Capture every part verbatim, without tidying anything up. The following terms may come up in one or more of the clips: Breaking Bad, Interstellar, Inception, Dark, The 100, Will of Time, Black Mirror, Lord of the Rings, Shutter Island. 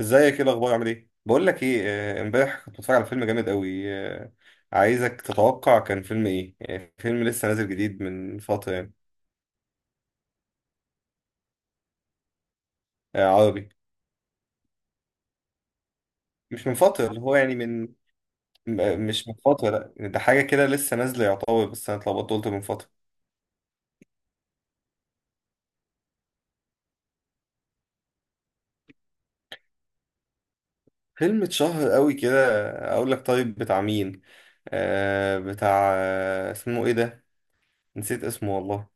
ازيك؟ ايه الاخبار؟ عامل ايه؟ بقول لك ايه. آه، امبارح كنت بتفرج على فيلم جامد قوي. آه، عايزك تتوقع كان فيلم ايه. آه، فيلم لسه نازل جديد من فتره يعني. آه، عربي. مش من فتره، اللي هو يعني من م- آه، مش من فتره، لا يعني ده حاجه كده لسه نازله يعتبر، بس انا اتلخبطت قلت من فتره. فيلم اتشهر قوي كده. آه، اقول لك طيب، بتاع مين؟ آه، بتاع آه، اسمه ايه ده؟ نسيت اسمه والله.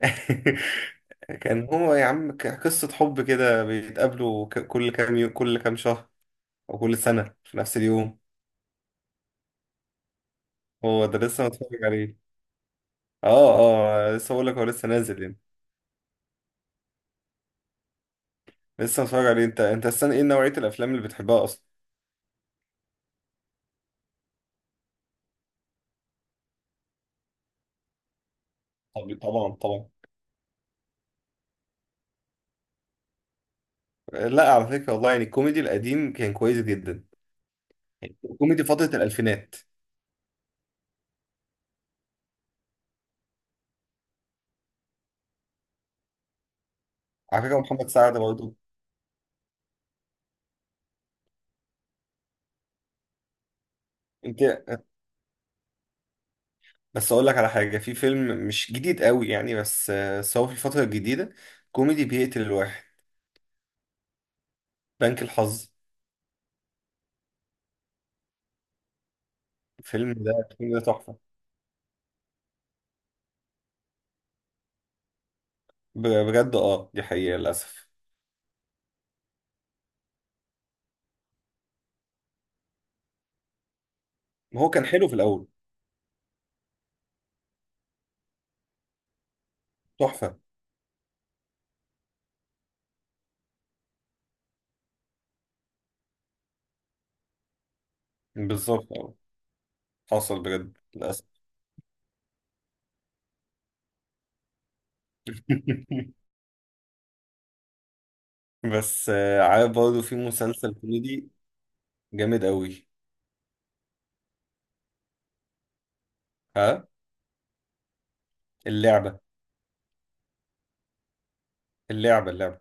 كان هو يا عم، ك- قصة حب كده بيتقابلوا ك- كل كام يو... كل كام شهر، وكل سنة في نفس اليوم. هو ده لسه متفرج عليه؟ اه. اه، لسه بقول لك هو لسه نازل يعني. لسه متفرج عليه انت؟ انت، السنة ايه نوعية الافلام اللي بتحبها اصلا؟ طب، طبعا طبعا. لا على فكرة والله، يعني الكوميدي القديم كان كويس جدا، يعني كوميدي فترة الألفينات. على فكرة محمد سعد برضه. أنت. بس أقول لك على حاجة، في فيلم مش جديد قوي يعني، بس آه، بس هو في الفترة الجديدة، كوميدي بيقتل الواحد. بنك الحظ. الفيلم ده الفيلم ده تحفة. ب- بجد، أه دي حقيقة للأسف. هو كان حلو في الأول، تحفة. بالظبط، اه. حصل بجد للأسف. بس آه، عارف برضه في مسلسل كوميدي جامد قوي. ها، اللعبة. اللعبة اللعبة.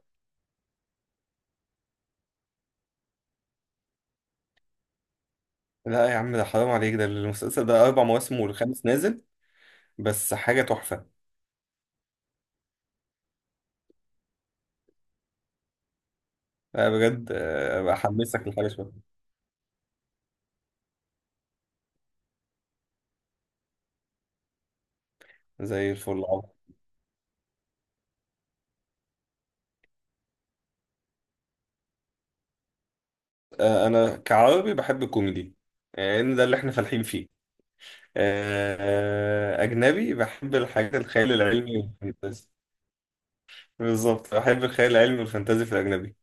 لا يا عم، ده حرام عليك، ده المسلسل ده أربع مواسم والخامس نازل، بس حاجة تحفة. لا بجد، آه، بحمسك لحاجة شوية. زي الفل، عظيم. آه، أنا كعربي بحب الكوميدي، لأن ده اللي إحنا فالحين فيه. آه، آه، أجنبي بحب الحاجات الخيال العلمي والفانتازي. بالظبط، بحب الخيال العلمي والفانتازي في الأجنبي.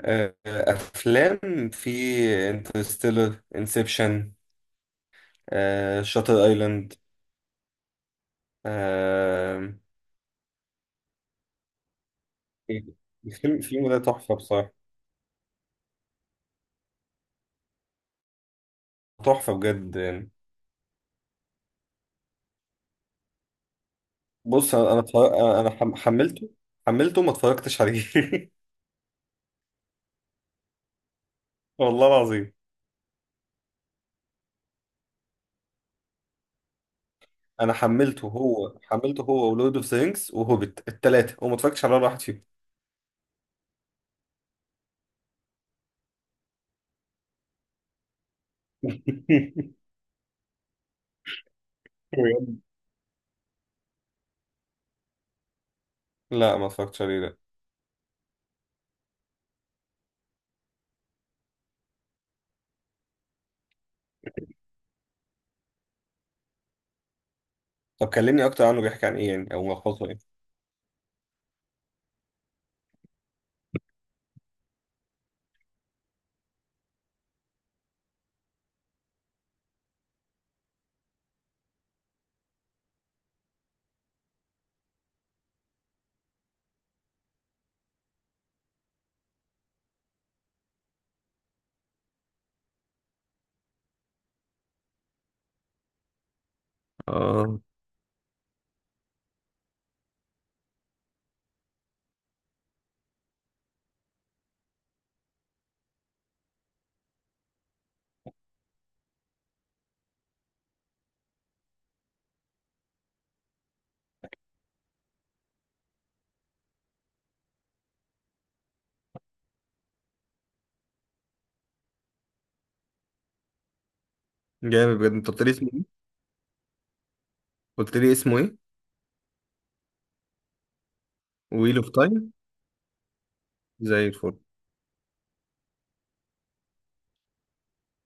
آه، افلام في انترستيلر، انسبشن، شاتر ايلاند. الفيلم الفيلم ده تحفه بصراحه، تحفه بجد يعني. بص، انا انا اتفرج- انا حم- حملته حملته ما اتفرجتش عليه. والله العظيم. انا حملته هو، حملته هو ولورد اوف ذا رينجز وهوبيت الثلاثه، وما اتفرجتش على ولا واحد فيهم. بجد؟ لا ما اتفرجتش عليه ده. طب كلمني اكتر عنه، بيحكي عن ايه يعني، او ملخصه ايه؟ اه. جامد بجد. انت قلت لي اسمه؟ قلت لي اسمه ايه؟ ويل اوف تايم. زي الفل.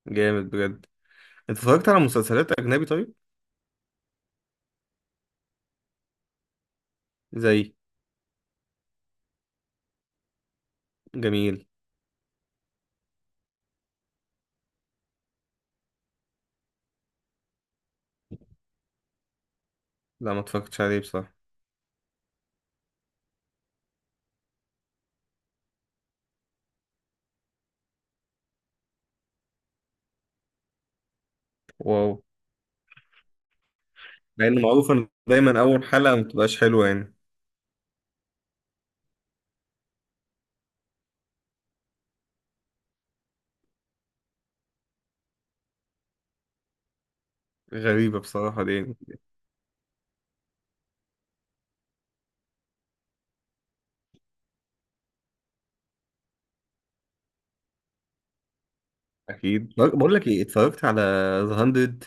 جامد بجد. انت اتفرجت على مسلسلات اجنبي طيب؟ زي؟ جميل. لا ما اتفرجتش عليه بصراحه. واو. مع انه معروف ان دايما اول حلقه ما بتبقاش حلوه يعني. غريبه بصراحه دي يعني. اكيد. بق- بقول لك ايه، اتفرجت على ذا 100؟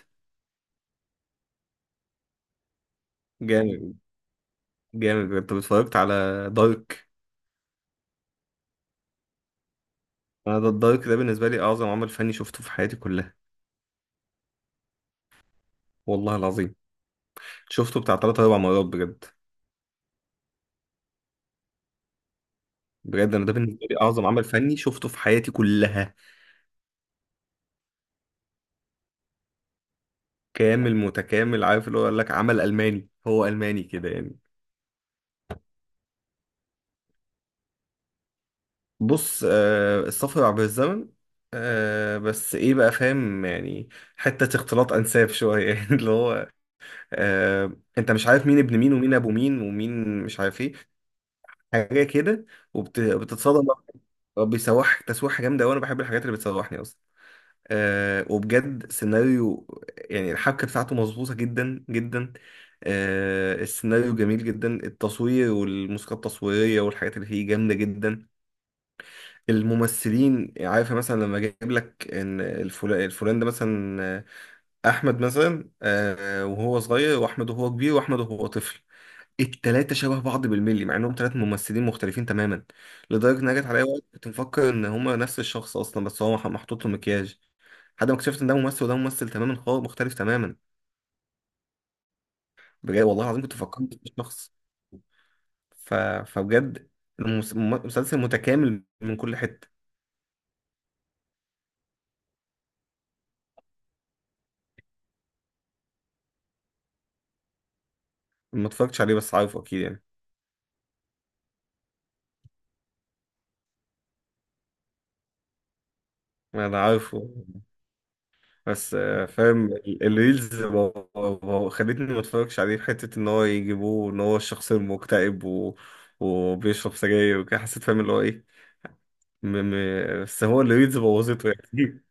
جامد، جامد بجد. طب اتفرجت على دارك؟ انا ده الدارك ده بالنسبه لي اعظم عمل فني شفته في حياتي كلها، والله العظيم. شفته بتاع ثلاث اربع مرات بجد. بجد انا ده بالنسبه لي اعظم عمل فني شفته في حياتي كلها، كامل متكامل. عارف اللي هو، قال لك عمل ألماني، هو ألماني كده يعني. بص، آه السفر عبر الزمن. آه بس ايه بقى، فاهم يعني؟ حتة اختلاط أنساب شوية، يعني اللي هو، آه انت مش عارف مين ابن مين ومين ابو مين ومين مش عارف ايه، حاجة كده، وبتتصادم. بيسوحك تسويحة جامدة وانا بحب الحاجات اللي بتسوحني اصلا آه وبجد سيناريو، يعني الحبكة بتاعته مظبوطة جدا جدا. آه السيناريو جميل جدا، التصوير والموسيقى التصويرية والحاجات اللي فيه جامدة جدا. الممثلين، عارفة مثلا لما جايب لك ان الفلان, الفلان ده مثلا، آه، احمد مثلا، آه وهو صغير، واحمد وهو كبير، واحمد وهو طفل، التلاتة شبه بعض بالملي، مع انهم تلات ممثلين مختلفين تماما، لدرجة ان أنا جت عليا وقت كنت مفكر ان هما نفس الشخص اصلا، بس هو مح- محطوط له مكياج، لحد ما اكتشفت ان ده ممثل وده ممثل، تماما خالص مختلف تماما. بجد والله العظيم كنت فكرت في شخص. ف... فبجد، المس- الم- مسلسل متكامل من كل حته. ما اتفرجتش عليه بس عارفه اكيد يعني. انا عارفه بس آه، فاهم ال- الريلز ب- ب- خلتني ما اتفرجش عليه، في حته ان هو يجيبوه ان هو الشخص المكتئب و... وبيشرب سجاير وكده، حسيت فاهم اللي هو ايه. م... م... بس هو الريلز بوظته يعني.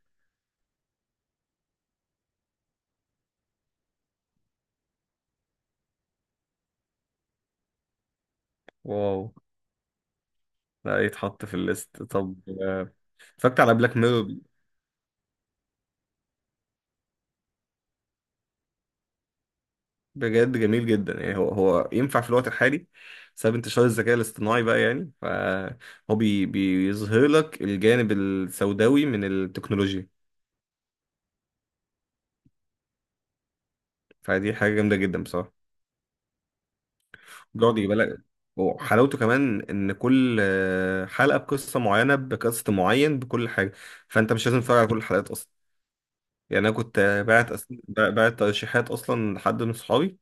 واو. لا يتحط في الليست طب. آه، اتفرجت على بلاك ميرور؟ بجد جميل جدا، يعني هو هو ينفع في الوقت الحالي بسبب انتشار الذكاء الاصطناعي بقى، يعني فهو بي بيظهر لك الجانب السوداوي من التكنولوجيا، فدي حاجة جامدة جدا بصراحة. بيقعد يجيب لك، وحلاوته كمان ان كل آه، حلقة بقصة معينة، بكاست معين، بكل حاجة، فانت مش لازم تتفرج على كل الحلقات اصلا. يعني انا كنت آه، باعت أس- باعت ترشيحات اصلا لحد من صحابي،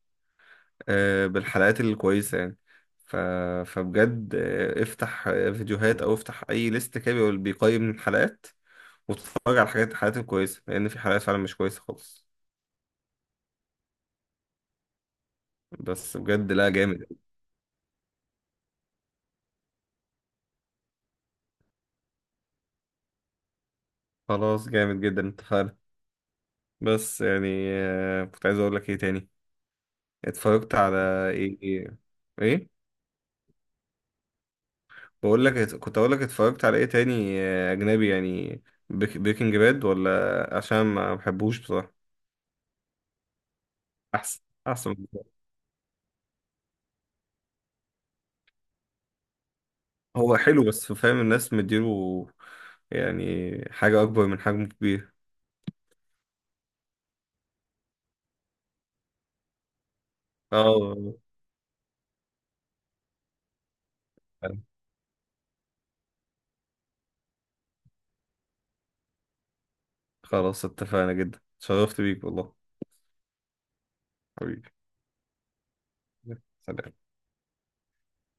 آه، بالحلقات الكويسة يعني. ف... فبجد، آه، افتح آه، فيديوهات أو افتح أي ليست كده، بيقول- بيقيم الحلقات، وتتفرج على الحاجات الحلقات الكويسة، لأن في حلقات فعلا مش كويسة خالص. بس بجد، لا جامد. خلاص، جامد جدا، اتفقنا. بس يعني آه، كنت عايز أقول لك إيه تاني، اتفرجت على إيه إيه إيه؟ بقول لك ات- كنت أقول لك اتفرجت على إيه تاني، آه، أجنبي يعني، بريكنج باد؟ ولا عشان ما بحبوش بصراحة. أحسن، أحسن. هو حلو بس فاهم الناس مديله يعني حاجة أكبر من حجمه، كبير. اه، خلاص اتفقنا جدا، اتشرفت بيك والله. حبيبي. سلام.